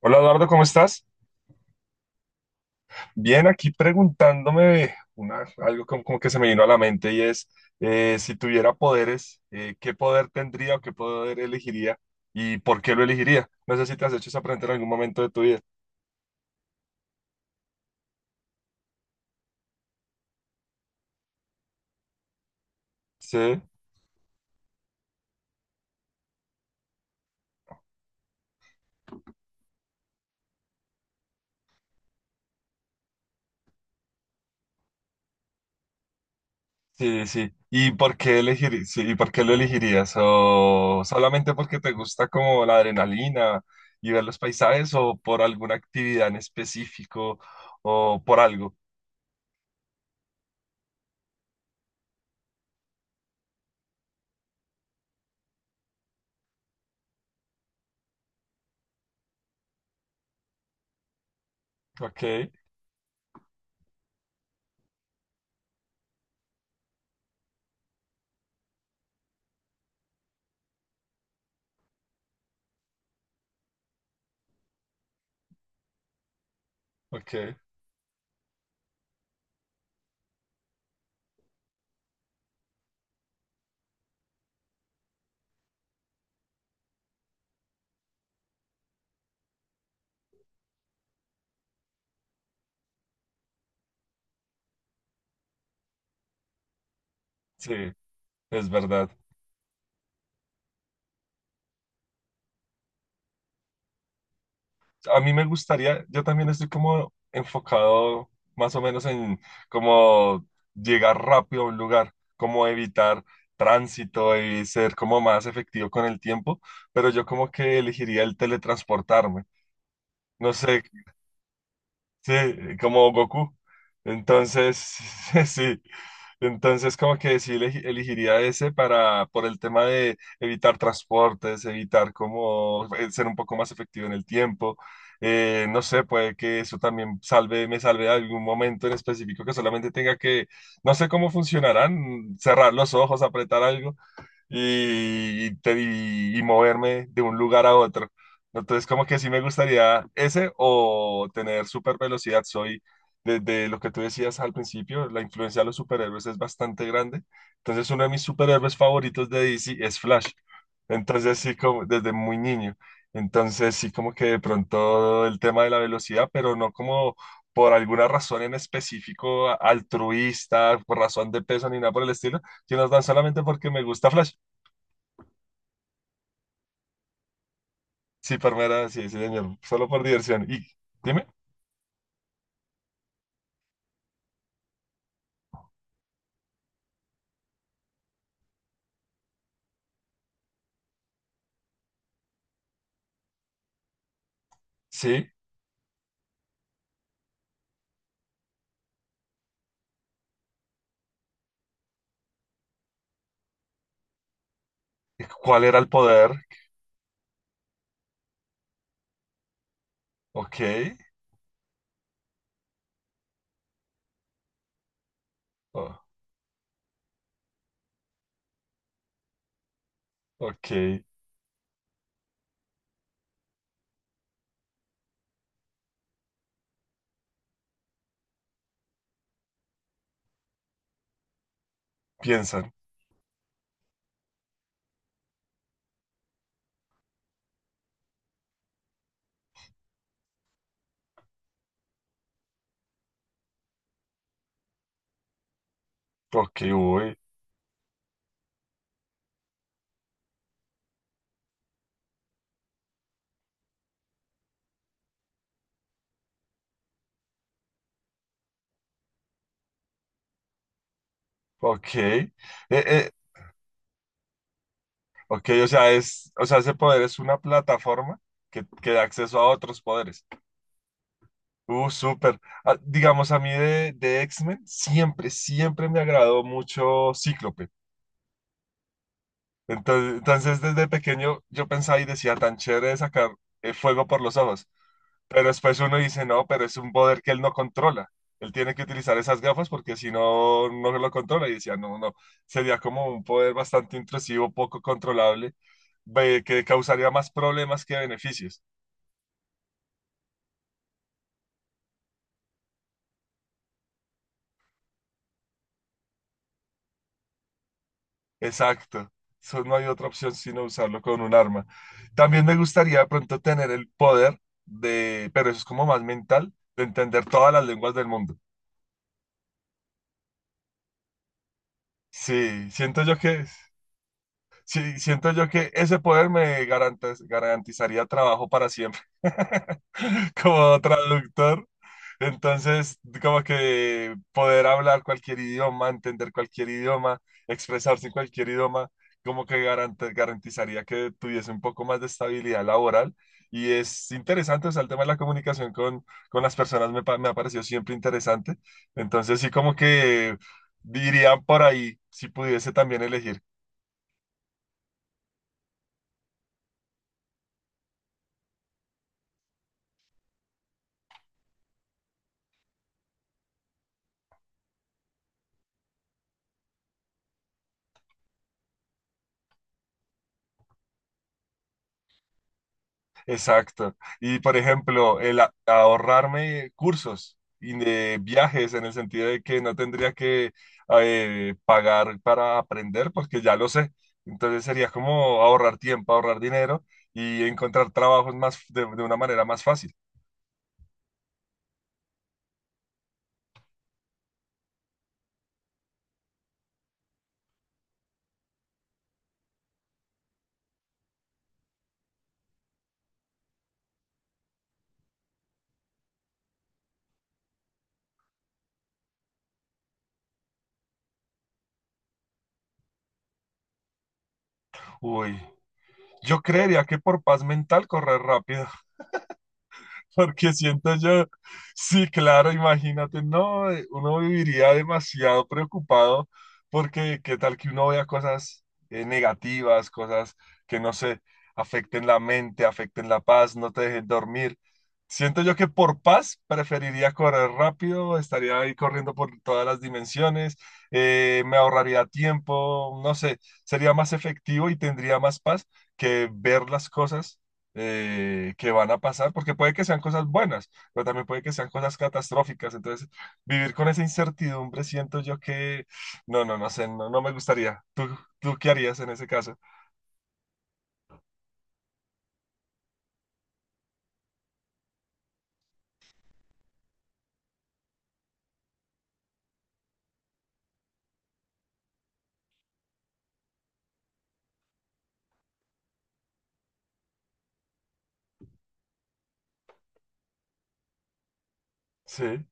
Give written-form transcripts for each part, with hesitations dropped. Hola Eduardo, ¿cómo estás? Bien, aquí preguntándome una, algo como, como que se me vino a la mente y es, si tuviera poderes, ¿qué poder tendría o qué poder elegiría y por qué lo elegiría? No sé si te has hecho esa pregunta en algún momento de tu vida. Sí, sí, sí. ¿Y por qué elegir, sí, y por qué lo elegirías? ¿O solamente porque te gusta como la adrenalina y ver los paisajes o por alguna actividad en específico o por algo? Ok, ok, sí, es verdad. A mí me gustaría, yo también estoy como enfocado más o menos en como llegar rápido a un lugar, como evitar tránsito y ser como más efectivo con el tiempo, pero yo como que elegiría el teletransportarme. No sé, sí, como Goku. Entonces, sí. Entonces, como que sí elegiría ese para, por el tema de evitar transportes, evitar como ser un poco más efectivo en el tiempo. No sé, puede que eso también salve, me salve de algún momento en específico que solamente tenga que, no sé cómo funcionarán, cerrar los ojos, apretar algo y, y moverme de un lugar a otro. Entonces, como que sí me gustaría ese o tener super velocidad. Soy, desde lo que tú decías al principio, la influencia de los superhéroes es bastante grande. Entonces, uno de mis superhéroes favoritos de DC es Flash. Entonces, sí, como desde muy niño. Entonces, sí, como que de pronto el tema de la velocidad, pero no como por alguna razón en específico altruista, por razón de peso ni nada por el estilo, sino tan solamente porque me gusta Flash. Sí, palmera, sí, sí, señor. Solo por diversión. Y dime, sí, ¿cuál era el poder? Ok, oh, ok, piensan. Ok, uy, ok. Eh, ok, o sea, es, o sea, ese poder es una plataforma que da acceso a otros poderes. Súper. Ah, digamos, a mí de X-Men siempre, siempre me agradó mucho Cíclope. Entonces, entonces, desde pequeño yo pensaba y decía, tan chévere de sacar fuego por los ojos. Pero después uno dice, no, pero es un poder que él no controla. Él tiene que utilizar esas gafas porque si no, no lo controla. Y decía, no, no, no. Sería como un poder bastante intrusivo, poco controlable, que causaría más problemas que beneficios. Exacto. Eso no hay otra opción sino usarlo con un arma. También me gustaría de pronto tener el poder de, pero eso es como más mental, de entender todas las lenguas del mundo. Sí, siento yo que, sí, siento yo que ese poder me garantizaría trabajo para siempre como traductor. Entonces, como que poder hablar cualquier idioma, entender cualquier idioma, expresarse en cualquier idioma, como que garantizaría que tuviese un poco más de estabilidad laboral. Y es interesante, o sea, el tema de la comunicación con las personas me, me ha parecido siempre interesante. Entonces, sí, como que dirían por ahí, si pudiese también elegir. Exacto. Y por ejemplo, el ahorrarme cursos y de viajes en el sentido de que no tendría que pagar para aprender porque ya lo sé. Entonces sería como ahorrar tiempo, ahorrar dinero y encontrar trabajos más de una manera más fácil. Uy, yo creería que por paz mental correr rápido. Porque siento yo, sí, claro, imagínate, no, uno viviría demasiado preocupado porque qué tal que uno vea cosas negativas, cosas que no sé, afecten la mente, afecten la paz, no te dejen dormir. Siento yo que por paz preferiría correr rápido, estaría ahí corriendo por todas las dimensiones, me ahorraría tiempo, no sé, sería más efectivo y tendría más paz que ver las cosas que van a pasar, porque puede que sean cosas buenas, pero también puede que sean cosas catastróficas. Entonces, vivir con esa incertidumbre, siento yo que, no, no, no sé, no, no me gustaría. ¿Tú, tú qué harías en ese caso? Sí,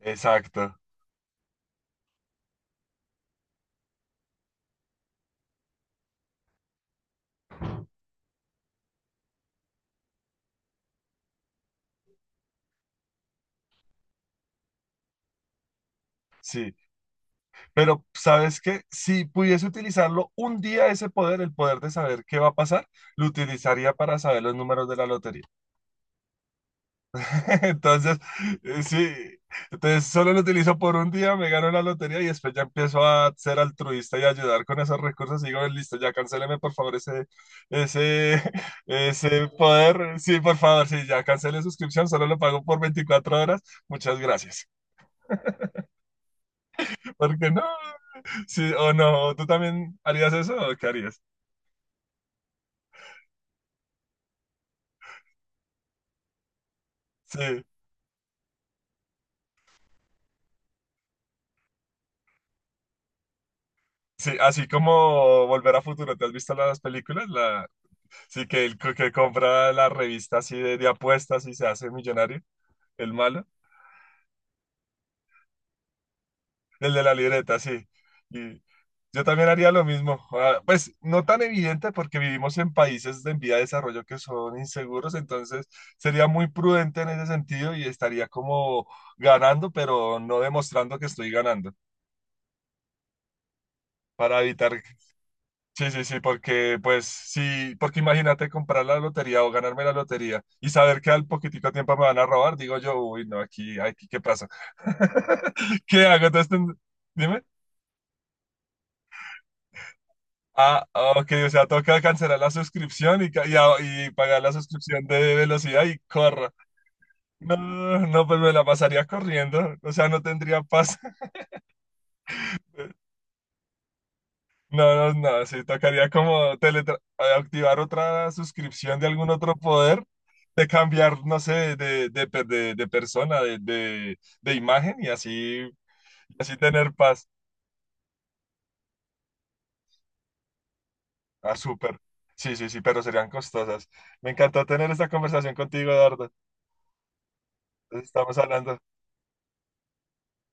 exacto. Sí, pero ¿sabes qué? Si pudiese utilizarlo un día ese poder, el poder de saber qué va a pasar, lo utilizaría para saber los números de la lotería. Entonces, sí, entonces solo lo utilizo por un día, me gano la lotería y después ya empiezo a ser altruista y ayudar con esos recursos. Y digo, listo, ya cancéleme por favor ese, ese, ese poder. Sí, por favor, sí, ya cancelé suscripción, solo lo pago por 24 horas. Muchas gracias. Porque no, sí, o no, ¿tú también harías eso o qué harías? Sí, sí, así como Volver a Futuro, ¿te has visto las películas? La, sí, que el que compra la revista así de apuestas y se hace millonario, el malo, el de la libreta, sí. Y yo también haría lo mismo. Ah, pues no tan evidente porque vivimos en países de en vía de desarrollo que son inseguros, entonces sería muy prudente en ese sentido y estaría como ganando, pero no demostrando que estoy ganando, para evitar. Sí, sí, sí, porque pues sí, porque imagínate comprar la lotería o ganarme la lotería y saber que al poquitico tiempo me van a robar, digo yo, uy, no, aquí, aquí, ¿qué pasa? ¿Qué hago? Entonces, dime. Ah, ah, ok, o sea, toca cancelar la suscripción y, y pagar la suscripción de velocidad y corra. No, no, pues me la pasaría corriendo, o sea, no tendría paz. No, no, no, sí, tocaría como activar otra suscripción de algún otro poder, de cambiar, no sé, de, de persona, de, de imagen y así, así tener paz. Ah, súper. Sí, sí, sí, pero serían costosas. Me encantó tener esta conversación contigo, Eduardo. Entonces, estamos hablando.